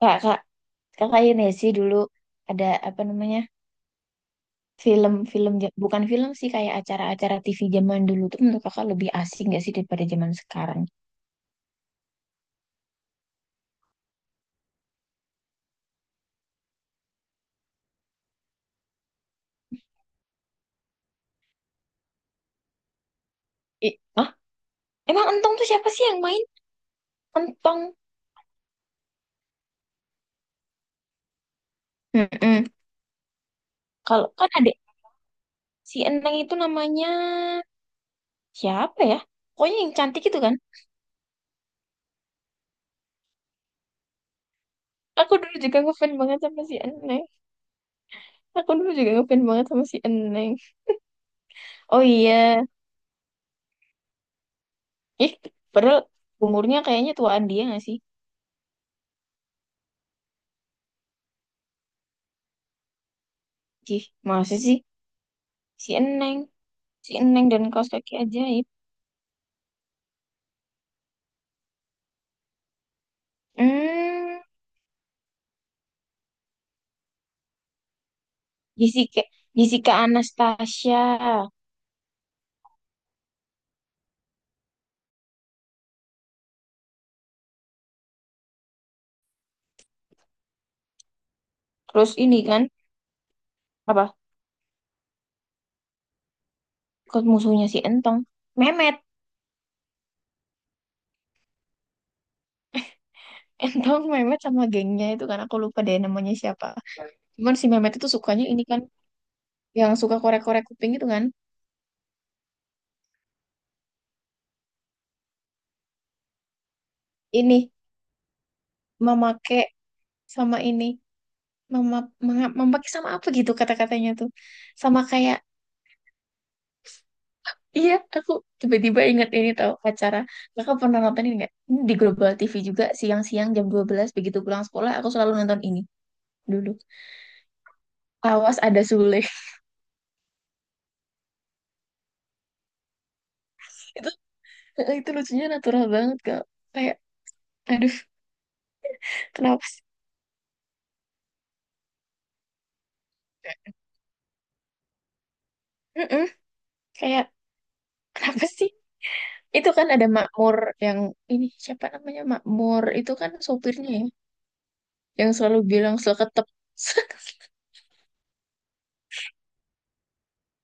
Kak, kakak ini sih dulu ada apa namanya bukan film sih kayak acara-acara TV zaman dulu tuh menurut kakak lebih asik gak sih daripada zaman sekarang? Ih, ah, emang Entong tuh siapa sih yang main? Entong. Mm-mm. Kalau kan ada si Eneng itu namanya siapa ya? Pokoknya yang cantik itu kan. Aku dulu juga ngefans banget sama si Eneng. Aku dulu juga ngefans banget sama si Eneng. Oh iya. Ih, padahal umurnya kayaknya tuaan dia gak sih? Ih, masa sih? Si Eneng, si Eneng dan kaos kaki ajaib. Hmm, Jessica, Jessica Anastasia. Terus ini kan apa? Kos musuhnya si Entong, Memet. Entong, Memet sama gengnya itu kan aku lupa deh namanya siapa. Cuman si Memet itu sukanya ini kan yang suka korek-korek kuping itu kan. Ini memakai sama ini mema, memakai sama apa gitu kata-katanya tuh. Sama kayak iya, aku tiba-tiba ingat ini tahu acara. Kakak pernah nonton ini nggak? Ini di Global TV juga siang-siang jam 12 begitu pulang sekolah aku selalu nonton ini dulu. Awas ada Sule. Itu, itu lucunya natural banget Kak. Kayak aduh, kenapa sih? Mm-mm. Kayak kenapa sih? Itu kan ada Makmur yang ini siapa namanya Makmur itu kan sopirnya ya yang selalu bilang seketep.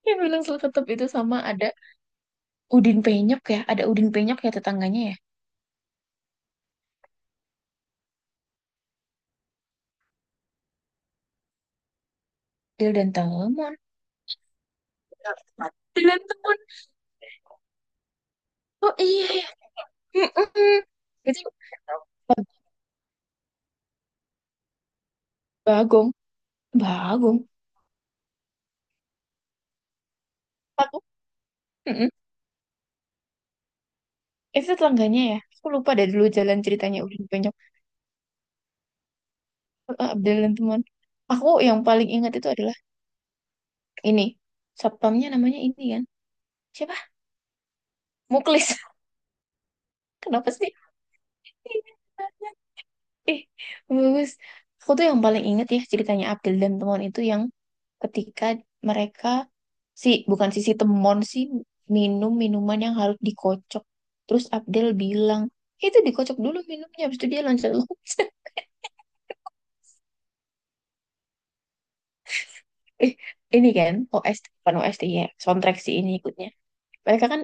Yang bilang seketep itu sama ada Udin Penyok ya, ada Udin Penyok ya tetangganya ya. Dil dan Telma dengan temen oh iya ya. Mm-mm. Jadi Bagong Bagong aku mm-mm. Itu tetangganya ya aku lupa dari dulu jalan ceritanya udah banyak. Eh, jalan teman aku yang paling ingat itu adalah ini satpamnya namanya ini kan siapa Muklis. Kenapa sih? Ih, bagus. Aku tuh yang paling inget ya ceritanya Abdul dan teman itu yang ketika mereka si bukan si si temon sih minum minuman yang harus dikocok. Terus Abdul bilang, "Eh, itu dikocok dulu minumnya, habis itu dia loncat-loncat." Eh, ini kan OS bukan OST ya, soundtrack sih ini ikutnya. Mereka kan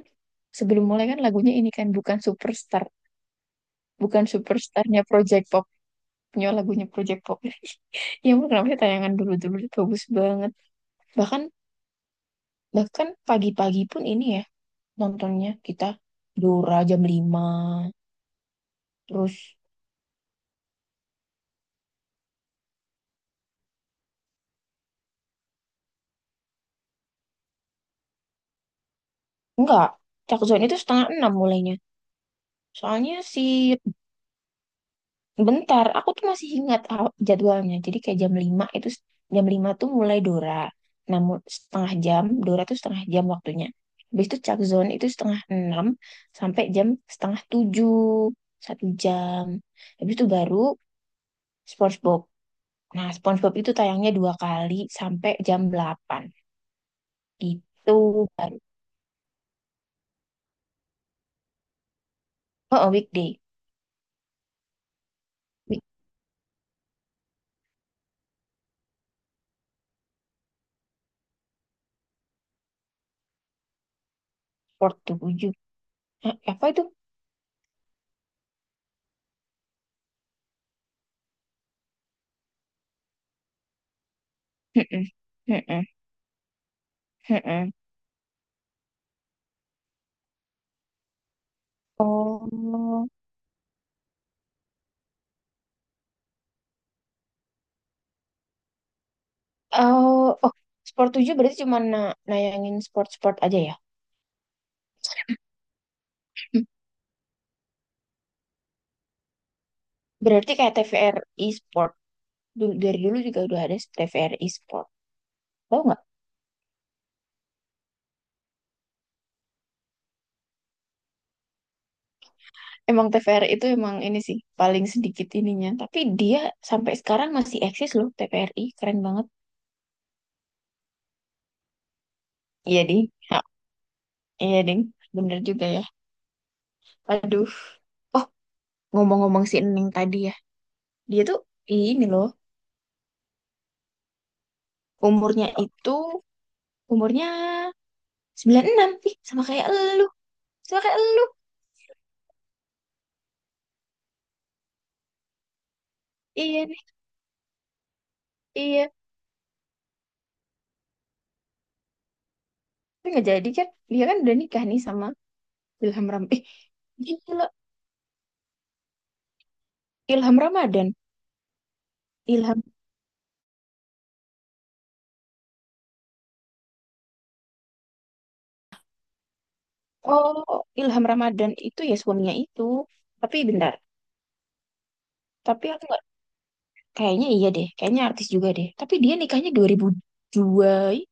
sebelum mulai kan lagunya ini kan bukan superstar, bukan superstarnya Project Pop, punya lagunya Project Pop. Ya ampun, kenapa sih tayangan dulu-dulu tuh bagus banget. Bahkan Bahkan pagi-pagi pun ini ya nontonnya kita Dora jam lima. Terus enggak, Cak Zone itu setengah enam mulainya. Soalnya si bentar, aku tuh masih ingat jadwalnya. Jadi kayak jam 5 itu jam 5 tuh mulai Dora. Namun setengah jam, Dora tuh setengah jam waktunya. Habis itu Cak Zone itu setengah enam sampai jam setengah tujuh, satu jam. Habis itu baru SpongeBob. Nah, SpongeBob itu tayangnya dua kali sampai jam delapan. Itu baru. Oh, oh, weekday. Week 47. Hah, apa itu? Mm-mm. Mm-mm. Mm-mm. Oh, oh, oh, Sport 7 berarti cuma nayangin sport-sport aja ya? Hmm. Berarti kayak TVRI Sport. Dulu, dari dulu juga udah ada TVRI Sport. Tahu nggak? Emang TVRI itu emang ini sih, paling sedikit ininya. Tapi dia sampai sekarang masih eksis loh, TVRI. Keren banget. Iya, Ding. Ha, iya, Ding. Bener juga ya. Aduh. Oh, ngomong-ngomong si Ening tadi ya. Dia tuh ini loh, umurnya itu umurnya 96 ih sama kayak elu. Sama kayak elu. Iya nih, iya. Tapi nggak jadi kan? Dia kan udah nikah nih sama Ilham Ram. Eh, gila. Ilham Ramadan. Ilham Oh, Ilham Ramadan itu ya suaminya itu. Tapi bentar. Tapi aku nggak kayaknya iya deh. Kayaknya artis juga deh. Tapi dia nikahnya dua ih,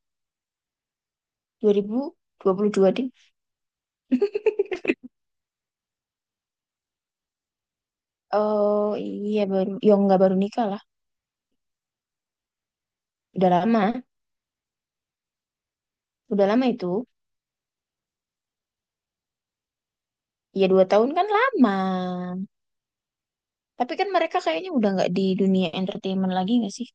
2022 deh. Oh iya baru, ya nggak baru nikah lah. Udah lama, udah lama itu. Ya dua tahun kan lama. Tapi kan mereka kayaknya udah nggak di dunia entertainment lagi nggak sih?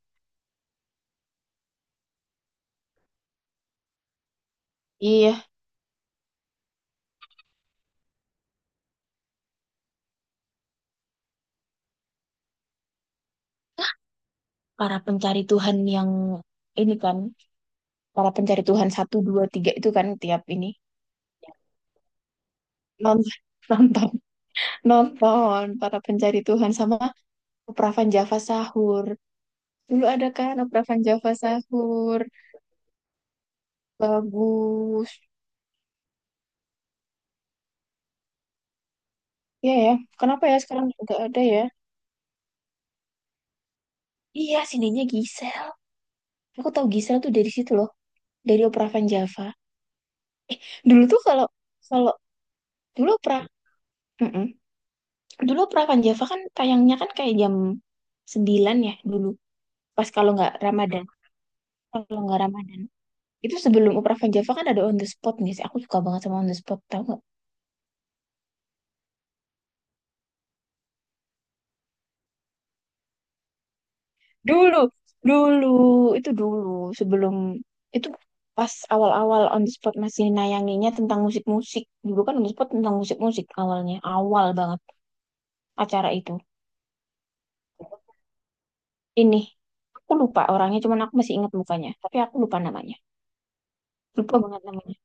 Iya, para pencari Tuhan yang ini kan, para pencari Tuhan satu dua tiga itu kan tiap ini nonton. nonton nonton para pencari Tuhan sama Opravan Java Sahur. Dulu ada kan Opravan Java Sahur, bagus. Iya ya, kenapa ya sekarang nggak ada ya? Iya, sininya Gisel. Aku tahu Gisel tuh dari situ loh, dari Opravan Java. Dulu tuh kalau kalau Dulu pra, mm-mm. Dulu Prakan Java kan tayangnya kan kayak jam 9 ya dulu. Pas kalau nggak Ramadan, kalau nggak Ramadan. Itu sebelum Prapanjava kan ada on the spot nih sih. Aku suka banget sama on the spot, tau nggak? Dulu, dulu dulu, sebelum itu pas awal-awal on the spot masih nayanginnya tentang musik-musik. Dulu kan on the spot tentang musik-musik awalnya, awal banget acara itu. Ini aku lupa orangnya, cuman aku masih ingat mukanya, tapi aku lupa namanya. Lupa banget namanya.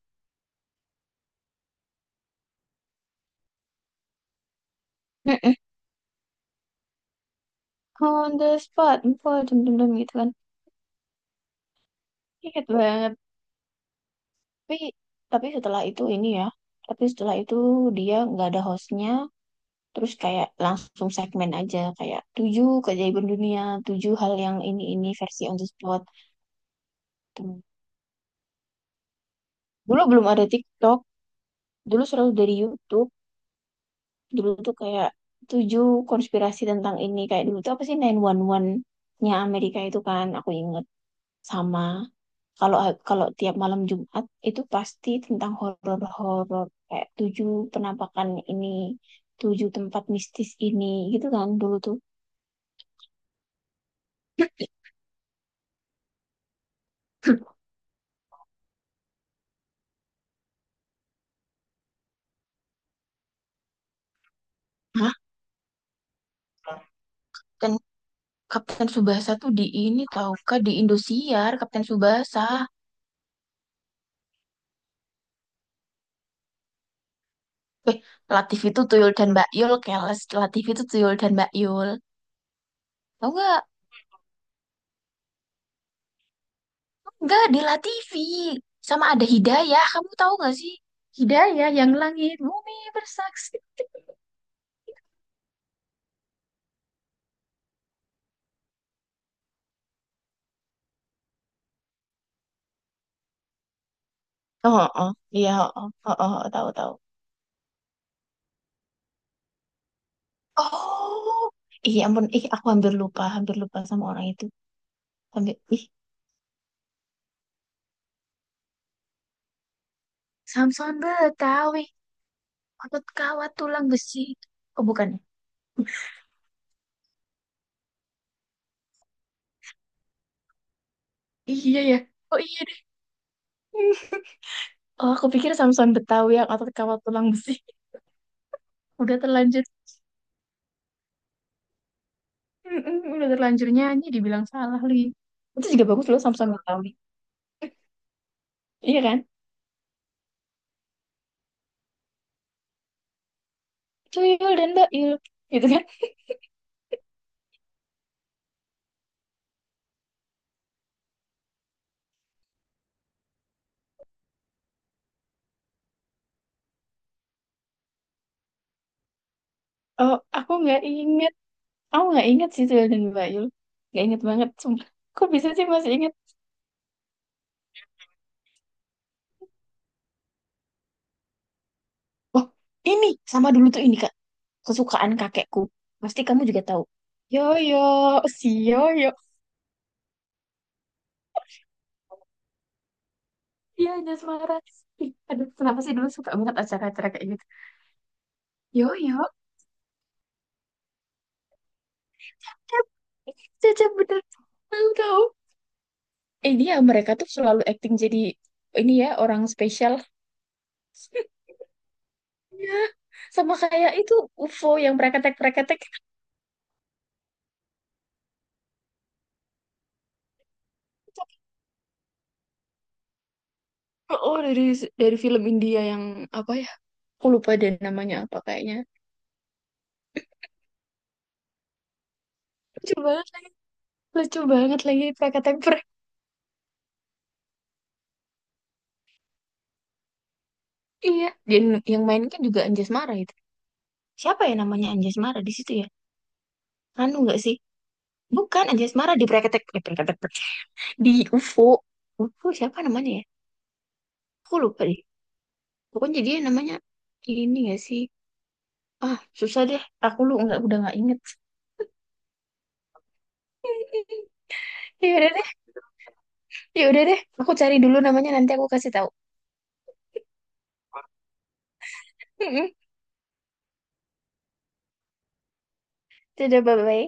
On the spot info jam-jam gitu kan. Ingat banget. Tapi tapi setelah itu ini ya tapi setelah itu dia nggak ada hostnya terus kayak langsung segmen aja kayak tujuh keajaiban dunia tujuh hal yang ini versi on the spot. Gitu. Dulu belum ada TikTok. Dulu selalu dari YouTube. Dulu tuh kayak tujuh konspirasi tentang ini kayak dulu tuh apa sih 911 nya Amerika itu kan aku inget. Sama kalau kalau tiap malam Jumat itu pasti tentang horor-horor kayak tujuh penampakan ini tujuh tempat mistis ini gitu kan dulu tuh. Hah? Kapten Kapten Subasa tuh di ini tau kah di Indosiar Kapten Subasa. Eh, Latif itu Tuyul dan Mbak Yul keles. Latif itu Tuyul dan Mbak Yul tau nggak. Nggak di Latifi sama ada Hidayah kamu tahu nggak sih Hidayah yang langit bumi bersaksi. Oh, oh, iya, oh, oh, oh, oh, tahu tahu. Oh, iya ampun, ih aku hampir lupa sama orang itu. Hampir, ih, Samson Betawi, otot kawat tulang besi. Oh bukan, ya? Iya ya. Oh iya deh. Oh aku pikir Samson Betawi yang otot kawat tulang besi. Udah terlanjur, mm-mm, udah terlanjur nyanyi, dibilang salah lagi. Itu juga bagus loh Samson Betawi, iya kan? Tuyul dan Bail, gitu kan? Oh aku nggak ingat. Aku nggak ingat sih Tuyul dan Bayul. Nggak inget banget. Sumpah. Kok bisa sih masih inget? Oh, ini sama dulu tuh ini Kak. Kesukaan kakekku. Pasti kamu juga tahu. Yoyo, si Yoyo. Iya, Jasmara. Ih, aduh, kenapa sih dulu suka banget acara-acara kayak gitu. Yoyo, Cep. Cecep bener. Tahu tahu. Eh, mereka tuh selalu acting jadi ini ya orang spesial. Iya. Sama kayak itu UFO yang preketek-preketek. Oh, dari film India yang apa ya? Aku lupa deh namanya apa kayaknya. Lucu banget lagi, lucu banget lagi pakai temper. Iya, dan yang main kan juga Anjasmara itu. Siapa ya namanya Anjasmara di situ ya? Anu nggak sih? Bukan Anjasmara Prakatek di UFO. UFO siapa namanya ya? Aku lupa deh. Pokoknya dia namanya ini nggak sih? Ah, susah deh. Aku lu nggak udah nggak inget. Ya udah deh, ya udah deh. Aku cari dulu namanya nanti aku kasih tahu. Dadah, bye-bye.